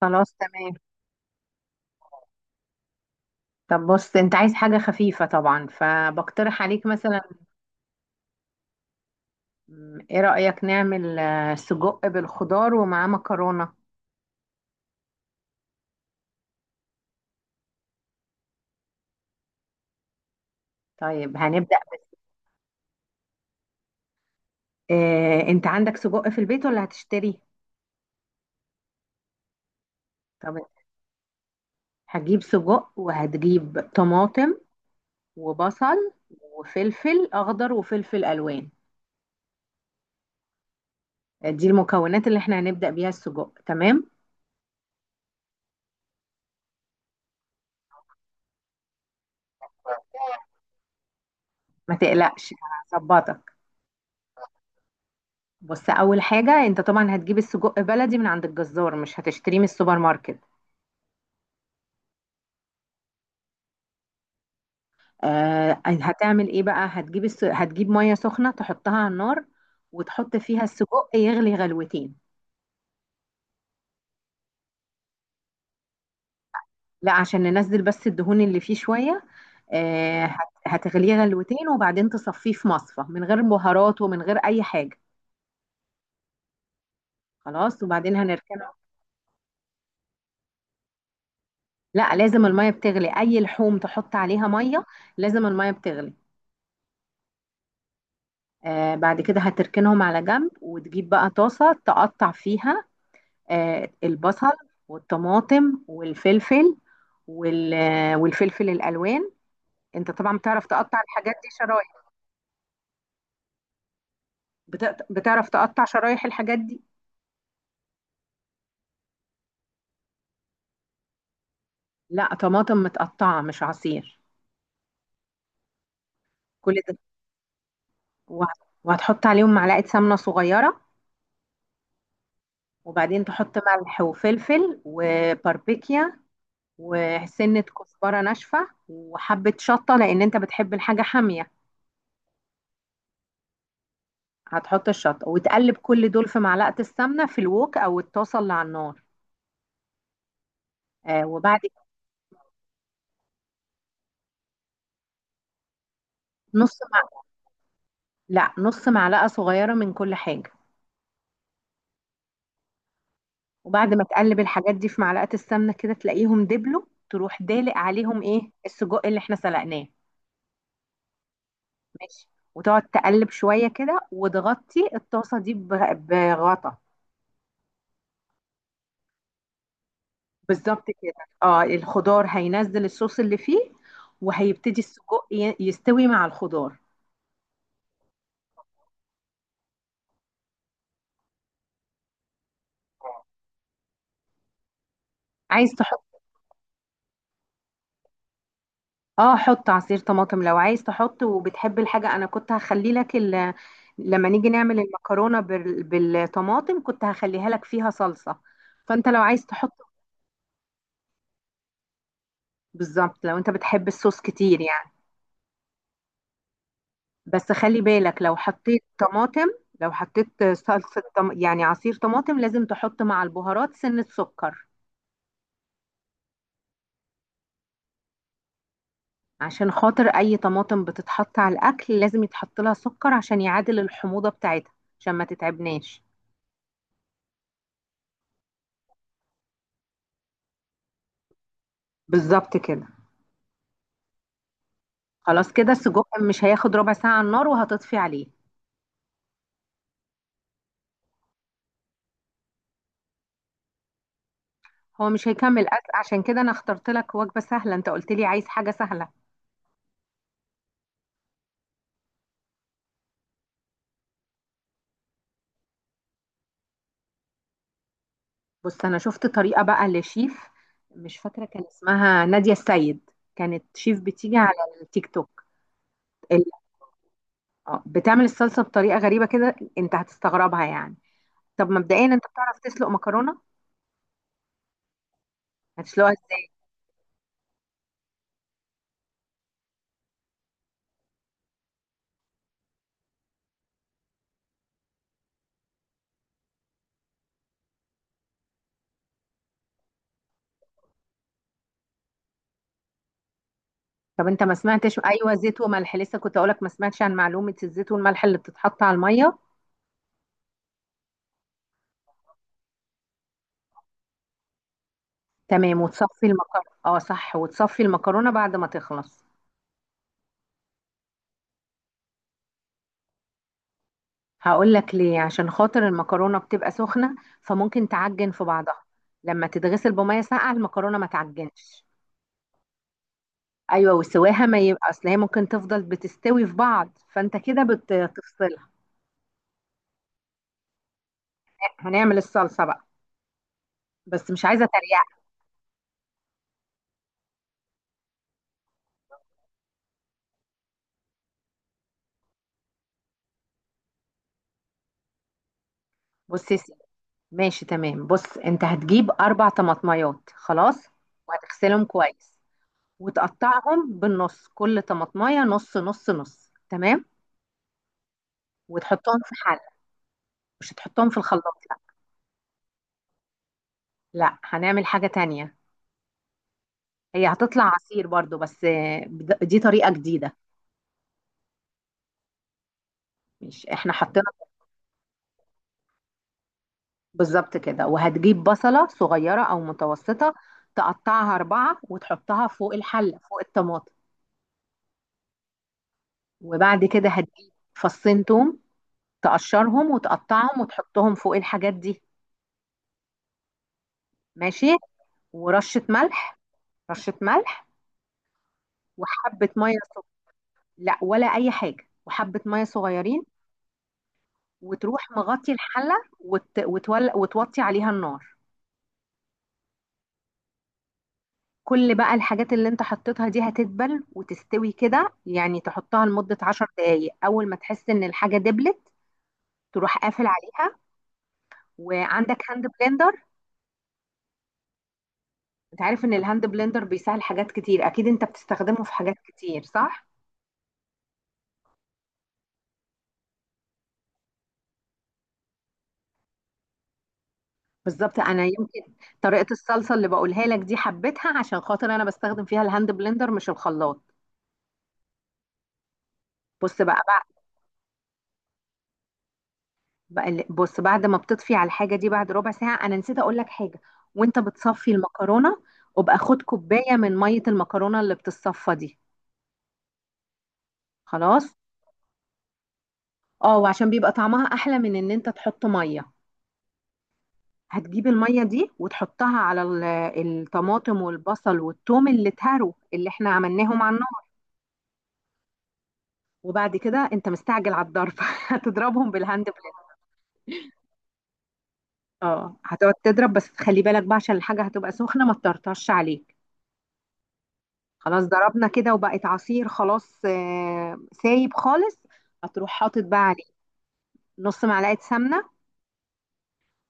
خلاص، تمام. طب بص، انت عايز حاجة خفيفة طبعا، فبقترح عليك مثلا، ايه رأيك نعمل سجق بالخضار ومعاه مكرونة. طيب، هنبدأ. اه، انت عندك سجق في البيت ولا هتشتري؟ طب هتجيب سجق وهتجيب طماطم وبصل وفلفل اخضر وفلفل الوان. دي المكونات اللي احنا هنبدأ بيها. السجق تمام، ما تقلقش، هظبطك. بص، اول حاجة انت طبعا هتجيب السجق بلدي من عند الجزار، مش هتشتريه من السوبر ماركت. هتعمل ايه بقى؟ هتجيب ميه سخنه تحطها على النار، وتحط فيها السجق يغلي غلوتين. لا، عشان ننزل بس الدهون اللي فيه شويه. هتغليه غلوتين، وبعدين تصفيه في مصفى، من غير بهارات ومن غير اي حاجه. خلاص، وبعدين هنركنه. لا، لازم الميه بتغلي. اي لحوم تحط عليها ميه، لازم الميه بتغلي. آه، بعد كده هتركنهم على جنب، وتجيب بقى طاسه تقطع فيها البصل والطماطم والفلفل، والفلفل الالوان. انت طبعا بتعرف تقطع الحاجات دي شرايح؟ بتعرف تقطع شرايح الحاجات دي. لا، طماطم متقطعه، مش عصير. كل ده، وه- وهتحط عليهم معلقه سمنه صغيره، وبعدين تحط ملح وفلفل وباربيكيا وسنه كزبره ناشفه وحبه شطه، لان انت بتحب الحاجه حاميه. هتحط الشطه وتقلب كل دول في معلقه السمنه في الوك او الطاسه اللي على النار. آه، وبعد كده، نص مع... لا، نص معلقة صغيرة من كل حاجة. وبعد ما تقلب الحاجات دي في معلقة السمنة كده، تلاقيهم دبلوا. تروح دالق عليهم ايه؟ السجق اللي احنا سلقناه. ماشي. وتقعد تقلب شوية كده، وتغطي الطاسة دي بغطا. بالظبط كده. اه، الخضار هينزل الصوص اللي فيه، وهيبتدي السجق يستوي مع الخضار. عايز تحط؟ اه، حط عصير طماطم لو عايز تحط وبتحب الحاجة. انا كنت هخلي لك لما نيجي نعمل المكرونة بالطماطم كنت هخليها لك فيها صلصة. فانت لو عايز تحط، بالظبط، لو انت بتحب الصوص كتير يعني. بس خلي بالك، لو حطيت طماطم، لو حطيت يعني عصير طماطم، لازم تحط مع البهارات سنة سكر. عشان خاطر اي طماطم بتتحط على الاكل لازم يتحط لها سكر، عشان يعادل الحموضة بتاعتها، عشان ما تتعبناش. بالظبط كده. خلاص، كده السجق مش هياخد ربع ساعة على النار، وهتطفي عليه. هو مش هيكمل أكل، عشان كده أنا اخترت لك وجبة سهلة، أنت قلت لي عايز حاجة سهلة. بص، أنا شفت طريقة بقى لشيف، مش فاكرة، كان اسمها نادية السيد. كانت شيف بتيجي على التيك توك. ال- بتعمل الصلصة بطريقة غريبة كده، أنت هتستغربها يعني. طب مبدئيا، أنت بتعرف تسلق مكرونة؟ هتسلقها ازاي؟ طب انت ما سمعتش؟ ايوه، زيت وملح. لسه كنت اقولك، ما سمعتش عن معلومه الزيت والملح اللي بتتحط على الميه؟ تمام، وتصفي المكرونة. اه صح، وتصفي المكرونة بعد ما تخلص. هقول لك ليه. عشان خاطر المكرونة بتبقى سخنة، فممكن تعجن في بعضها. لما تتغسل بمية ساقعة، المكرونة ما تعجنش. ايوه، وسواها ما يبقى، اصل هي ممكن تفضل بتستوي في بعض، فانت كده بتفصلها. هنعمل الصلصة بقى، بس مش عايزة تريقة. بص يا سيدي. ماشي تمام. بص، انت هتجيب اربع طماطميات، خلاص، وهتغسلهم كويس، وتقطعهم بالنص، كل طماطمية نص نص. نص تمام. وتحطهم في حلة. مش هتحطهم في الخلاط، لا. لا، هنعمل حاجة تانية. هي هتطلع عصير برضو، بس دي طريقة جديدة. مش احنا حطينا، بالظبط كده. وهتجيب بصلة صغيرة او متوسطة، تقطعها اربعة، وتحطها فوق الحلة فوق الطماطم. وبعد كده هتجيب فصين توم، تقشرهم وتقطعهم وتحطهم فوق الحاجات دي. ماشي. ورشة ملح. رشة ملح. وحبة مية صغ- لا، ولا اي حاجة. وحبة مية صغيرين. وتروح مغطي الحلة، وتوطي عليها النار. كل بقى الحاجات اللي انت حطيتها دي هتدبل وتستوي كده. يعني تحطها لمدة 10 دقايق، أول ما تحس إن الحاجة دبلت، تروح قافل عليها. وعندك هاند بلندر. انت عارف ان الهاند بلندر بيسهل حاجات كتير، اكيد انت بتستخدمه في حاجات كتير، صح؟ بالظبط. انا يمكن طريقة الصلصة اللي بقولها لك دي حبيتها عشان خاطر انا بستخدم فيها الهاند بلندر، مش الخلاط. بص بقى. بص، بعد ما بتطفي على الحاجه دي بعد ربع ساعه، انا نسيت اقول لك حاجه، وانت بتصفي المكرونه، وابقى خد كوبايه من ميه المكرونه اللي بتتصفى دي. خلاص. اه، وعشان بيبقى طعمها احلى من ان انت تحط ميه. هتجيب الميه دي وتحطها على الطماطم والبصل والثوم اللي اتهروا، اللي احنا عملناهم على النار. وبعد كده، انت مستعجل على الضرب. هتضربهم بالهاند بلندر. اه، هتقعد تضرب، بس خلي بالك بقى، عشان الحاجه هتبقى سخنه، ما تطرطش عليها. خلاص، ضربنا كده وبقت عصير خلاص، سايب خالص. هتروح حاطط بقى عليه نص معلقة سمنة،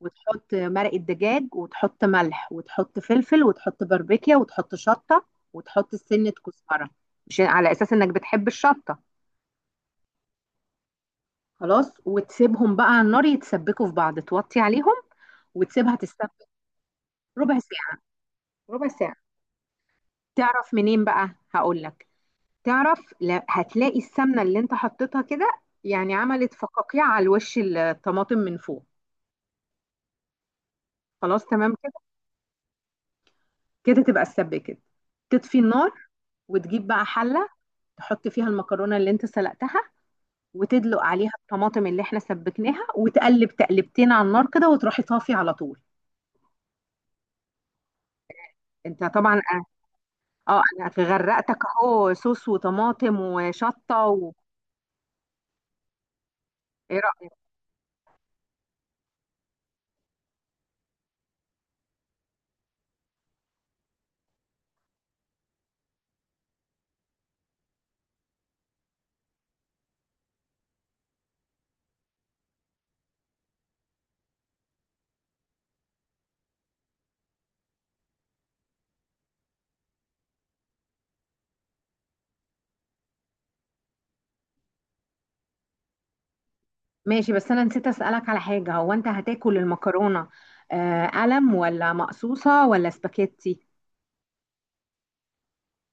وتحط مرقة دجاج، وتحط ملح، وتحط فلفل، وتحط باربيكيا، وتحط شطة، وتحط سنة كزبرة، مش على أساس إنك بتحب الشطة. خلاص، وتسيبهم بقى على النار يتسبكوا في بعض، توطي عليهم وتسيبها تتسبك. ربع ساعة. ربع ساعة. تعرف منين بقى؟ هقول لك. تعرف، لا، هتلاقي السمنة اللي انت حطيتها كده يعني عملت فقاقيع على الوش، الطماطم من فوق. خلاص تمام كده. كده تبقى السبة كده. تطفي النار، وتجيب بقى حلة، تحط فيها المكرونة اللي انت سلقتها، وتدلق عليها الطماطم اللي احنا سبكناها، وتقلب تقلبتين على النار كده، وتروحي طافي على طول. انت طبعا، اه، انا غرقتك اهو، صوص وطماطم وشطة ماشي. بس انا نسيت اسالك على حاجه. هو انت هتاكل المكرونه آه قلم ولا مقصوصه ولا سباكيتي؟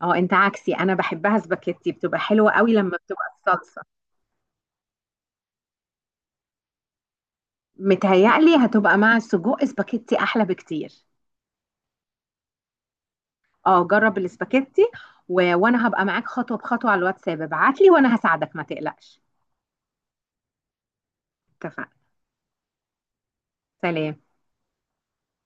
اه، انت عكسي. انا بحبها سباكيتي، بتبقى حلوه قوي لما بتبقى الصلصه. متهيألي هتبقى مع السجق سباكيتي احلى بكتير. اه، جرب السباكيتي. وانا هبقى معاك خطوه بخطوه على الواتساب. ابعت لي وانا هساعدك، ما تقلقش. اتفقنا. سلام.